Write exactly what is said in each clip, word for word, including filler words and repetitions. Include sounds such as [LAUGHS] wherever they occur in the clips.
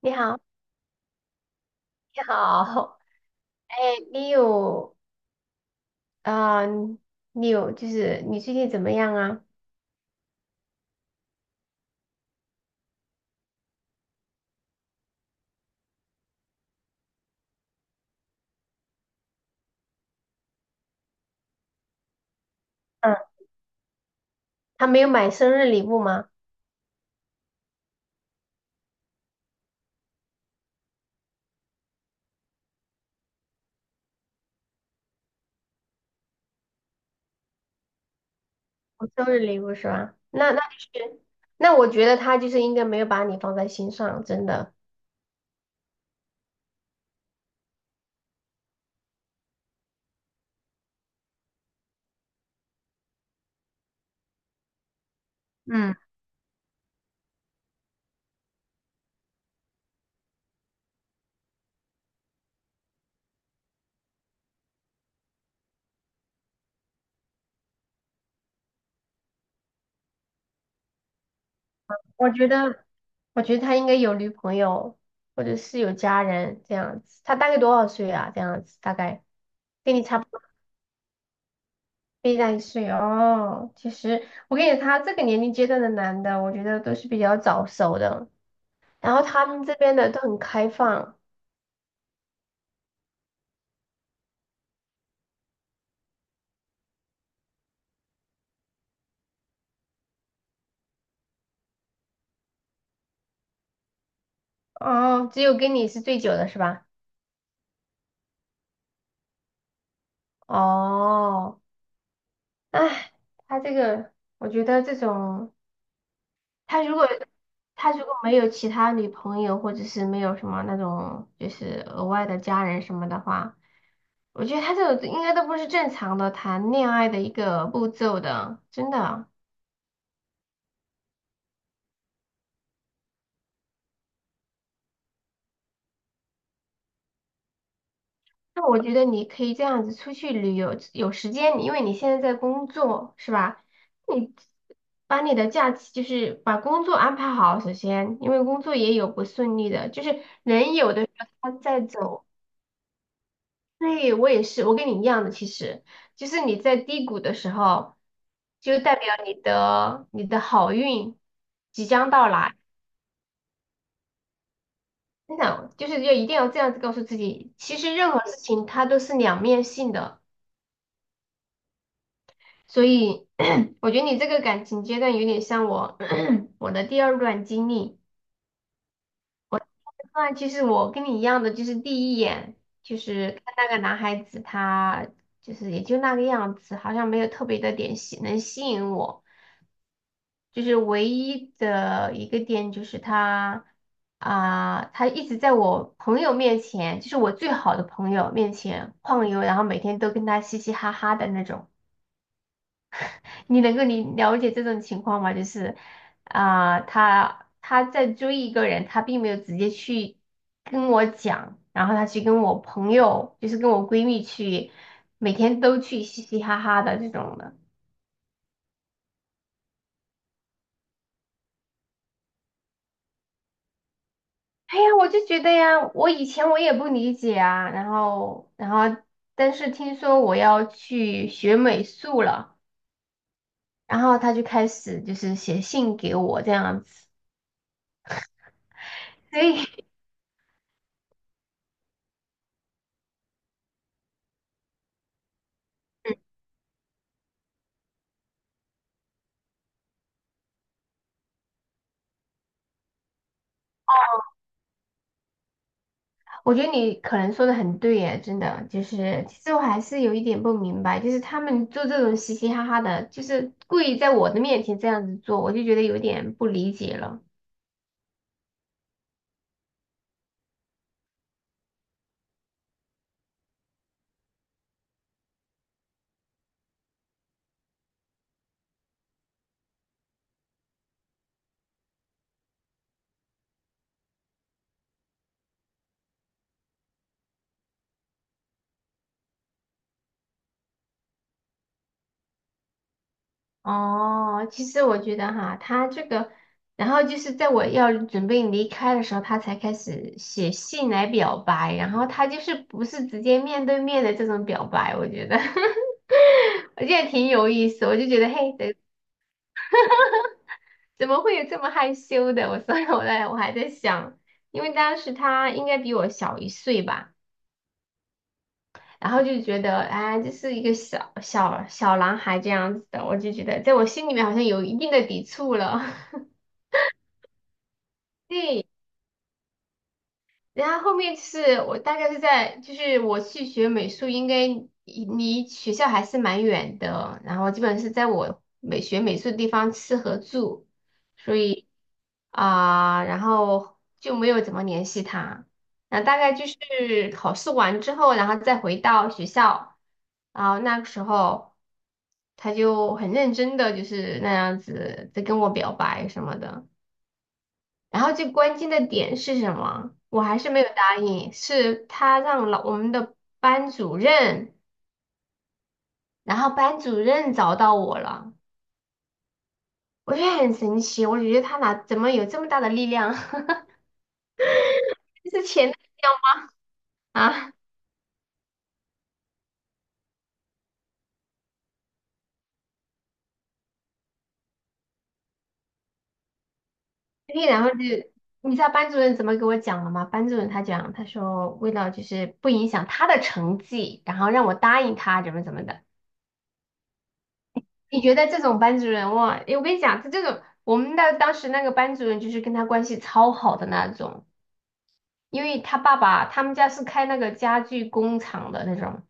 你好，你好，[LAUGHS] 哎，你有啊、呃你有就是你最近怎么样啊？嗯，他没有买生日礼物吗？哦生日礼物是吧？那那就是，那我觉得他就是应该没有把你放在心上，真的。嗯，我觉得，我觉得他应该有女朋友或者是有家人这样子。他大概多少岁啊？这样子大概跟你差不多，比你大一岁哦。其实我跟你讲，他这个年龄阶段的男的，我觉得都是比较早熟的。然后他们这边的都很开放，哦，只有跟你是最久的是吧？哦，哎，他这个，我觉得这种，他如果他如果没有其他女朋友，或者是没有什么那种就是额外的家人什么的话，我觉得他这种应该都不是正常的谈恋爱的一个步骤的，真的。那我觉得你可以这样子出去旅游，有时间你因为你现在在工作，是吧？你把你的假期就是把工作安排好，首先，因为工作也有不顺利的，就是人有的时候他在走，对，我也是，我跟你一样的，其实就是你在低谷的时候，就代表你的你的好运即将到来。真的，就是要一定要这样子告诉自己，其实任何事情它都是两面性的。所以 [CLEARS THROAT] 我觉得你这个感情阶段有点像我 [CLEARS THROAT] 我的第二段经历。那其实我跟你一样的，就是第一眼就是看那个男孩子，他就是也就那个样子，好像没有特别的点吸能吸引我。就是唯一的一个点就是他啊、他一直在我朋友面前，就是我最好的朋友面前晃悠，然后每天都跟他嘻嘻哈哈的那种。你能够理了解这种情况吗？就是啊、他他在追一个人，他并没有直接去跟我讲，然后他去跟我朋友，就是跟我闺蜜去，每天都去嘻嘻哈哈的这种的。哎呀，我就觉得呀，我以前我也不理解啊，然后然后，但是听说我要去学美术了，然后他就开始就是写信给我这样子，所以我觉得你可能说的很对耶，真的，就是其实我还是有一点不明白，就是他们做这种嘻嘻哈哈的，就是故意在我的面前这样子做，我就觉得有点不理解了。哦，其实我觉得哈，他这个，然后就是在我要准备离开的时候，他才开始写信来表白，然后他就是不是直接面对面的这种表白，我觉得，[LAUGHS] 我觉得挺有意思，我就觉得嘿，怎么会有这么害羞的？我 [LAUGHS] 所以我在我还在想，因为当时他应该比我小一岁吧，然后就觉得，哎，这是一个小小小男孩这样子的，我就觉得在我心里面好像有一定的抵触了。[LAUGHS] 对，然后后面就是我大概是在，就是我去学美术，应该离离学校还是蛮远的，然后基本是在我美学美术的地方吃和住，所以啊、然后就没有怎么联系他。然后大概就是考试完之后，然后再回到学校，然后那个时候他就很认真的就是那样子在跟我表白什么的。然后最关键的点是什么？我还是没有答应，是他让老我们的班主任，然后班主任找到我了，我觉得很神奇，我觉得他哪怎么有这么大的力量，[LAUGHS] 就是钱的力量啊！[LAUGHS] 对，然后就你知道班主任怎么给我讲了吗？班主任他讲，他说为了就是不影响他的成绩，然后让我答应他怎么怎么的。你觉得这种班主任哇？诶我跟你讲，他这种我们的当时那个班主任就是跟他关系超好的那种。因为他爸爸他们家是开那个家具工厂的那种，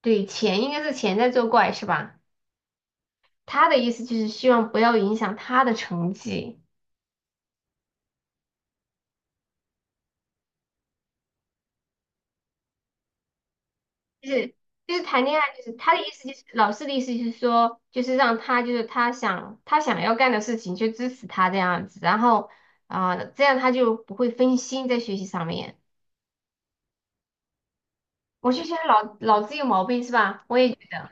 对，钱应该是钱在作怪是吧？他的意思就是希望不要影响他的成绩，就是就是谈恋爱，就是他的意思就是老师的意思就是说，就是让他就是他想他想要干的事情就支持他这样子，然后啊、呃这样他就不会分心在学习上面。我就觉得老老子有毛病是吧？我也觉得，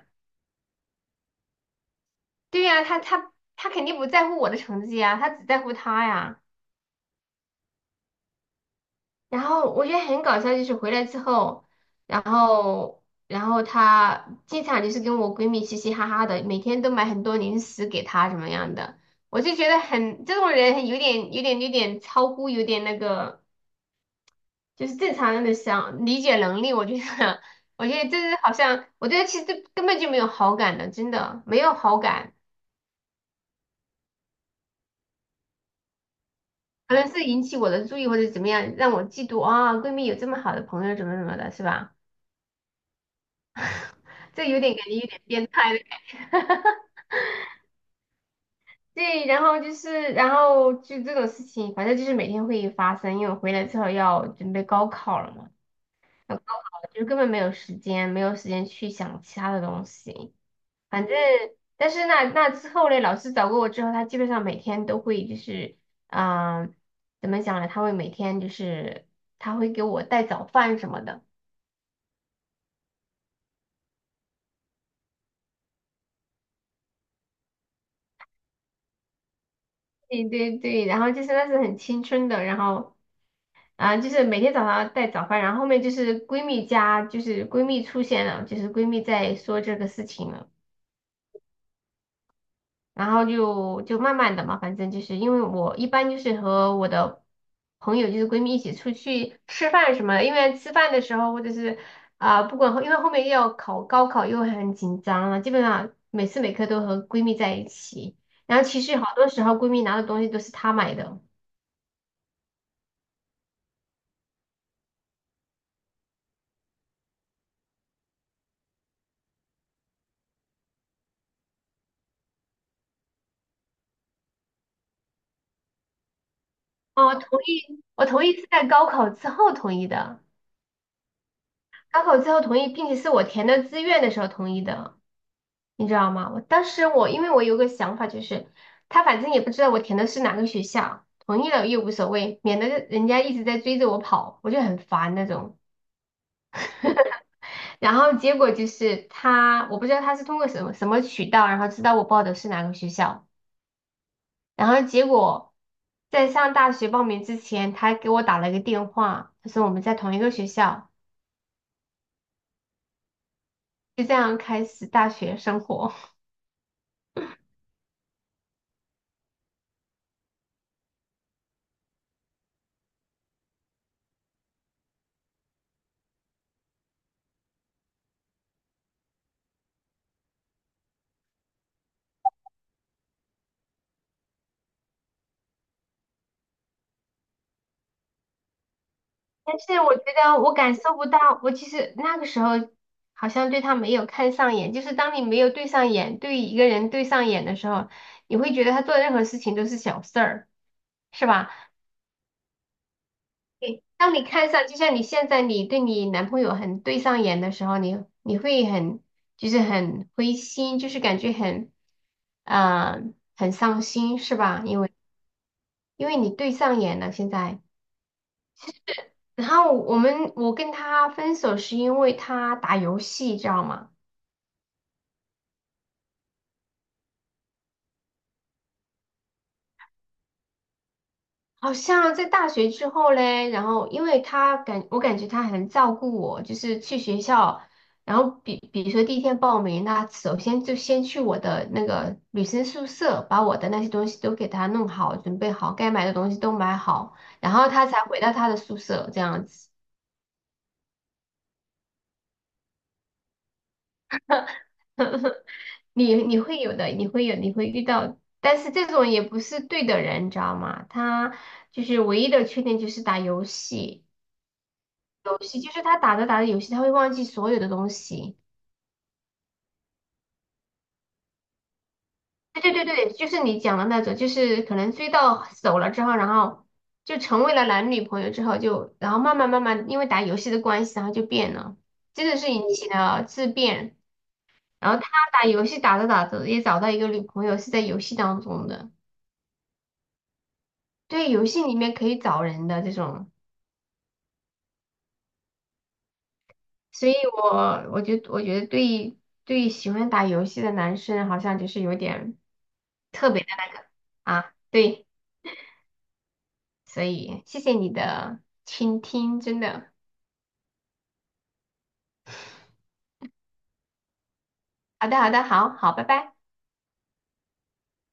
对呀、他他他肯定不在乎我的成绩啊，他只在乎他呀。然后我觉得很搞笑，就是回来之后，然后然后她经常就是跟我闺蜜嘻嘻哈哈的，每天都买很多零食给她怎么样的，我就觉得很这种人有点有点有点超乎有点那个，就是正常人的想理解能力，我觉得 [LAUGHS] 我觉得这是好像我对她其实根本就没有好感的，真的没有好感，可能是引起我的注意或者怎么样，让我嫉妒啊，闺蜜有这么好的朋友怎么怎么的，是吧？这有点感觉有点变态的感觉。[LAUGHS] 对，然后就是，然后就这种事情，反正就是每天会发生，因为我回来之后要准备高考了嘛，要高考了就根本没有时间，没有时间去想其他的东西。反正，但是那那之后呢，老师找过我之后，他基本上每天都会就是，嗯、怎么讲呢？他会每天就是他会给我带早饭什么的。对对对，然后就是那是很青春的，然后啊，就是每天早上带早饭，然后后面就是闺蜜家，就是闺蜜出现了，就是闺蜜在说这个事情了，然后就就慢慢的嘛，反正就是因为我一般就是和我的朋友就是闺蜜一起出去吃饭什么的，因为吃饭的时候或者是啊、不管后因为后面又要考高考又很紧张了，基本上每次每刻都和闺蜜在一起，然后其实好多时候闺蜜拿的东西都是她买的，哦，我同意，我同意是在高考之后同意的。高考之后同意，并且是我填的志愿的时候同意的，你知道吗？我当时我因为我有个想法，就是他反正也不知道我填的是哪个学校，同意了又无所谓，免得人家一直在追着我跑，我就很烦那种。然后结果就是他，我不知道他是通过什么什么渠道，然后知道我报的是哪个学校，然后结果在上大学报名之前，他给我打了个电话，他说我们在同一个学校，就这样开始大学生活。但是我觉得我感受不到，我其实那个时候好像对他没有看上眼，就是当你没有对上眼，对一个人对上眼的时候，你会觉得他做任何事情都是小事儿，是吧？对，当你看上，就像你现在你对你男朋友很对上眼的时候，你你会很就是很灰心，就是感觉很嗯，呃很伤心，是吧？因为因为你对上眼了，现在。然后我们我跟他分手是因为他打游戏，知道吗？好像在大学之后嘞，然后因为他感我感觉他很照顾我，就是去学校，然后比比如说第一天报名，那首先就先去我的那个女生宿舍，把我的那些东西都给他弄好，准备好，该买的东西都买好，然后他才回到他的宿舍这样子。[LAUGHS] 你你会有的，你会有，你会遇到，但是这种也不是对的人，你知道吗？他就是唯一的缺点就是打游戏，游戏就是他打着打着游戏，他会忘记所有的东西。对对对对，就是你讲的那种，就是可能追到手了之后，然后就成为了男女朋友之后就，然后慢慢慢慢因为打游戏的关系，然后就变了，真的是引起了质变。然后他打游戏打着打着也找到一个女朋友是在游戏当中的。对，游戏里面可以找人的这种，所以我我觉得我觉得对对喜欢打游戏的男生好像就是有点特别的那个啊，对，所以谢谢你的倾听，真的，好的好的，好好，拜拜。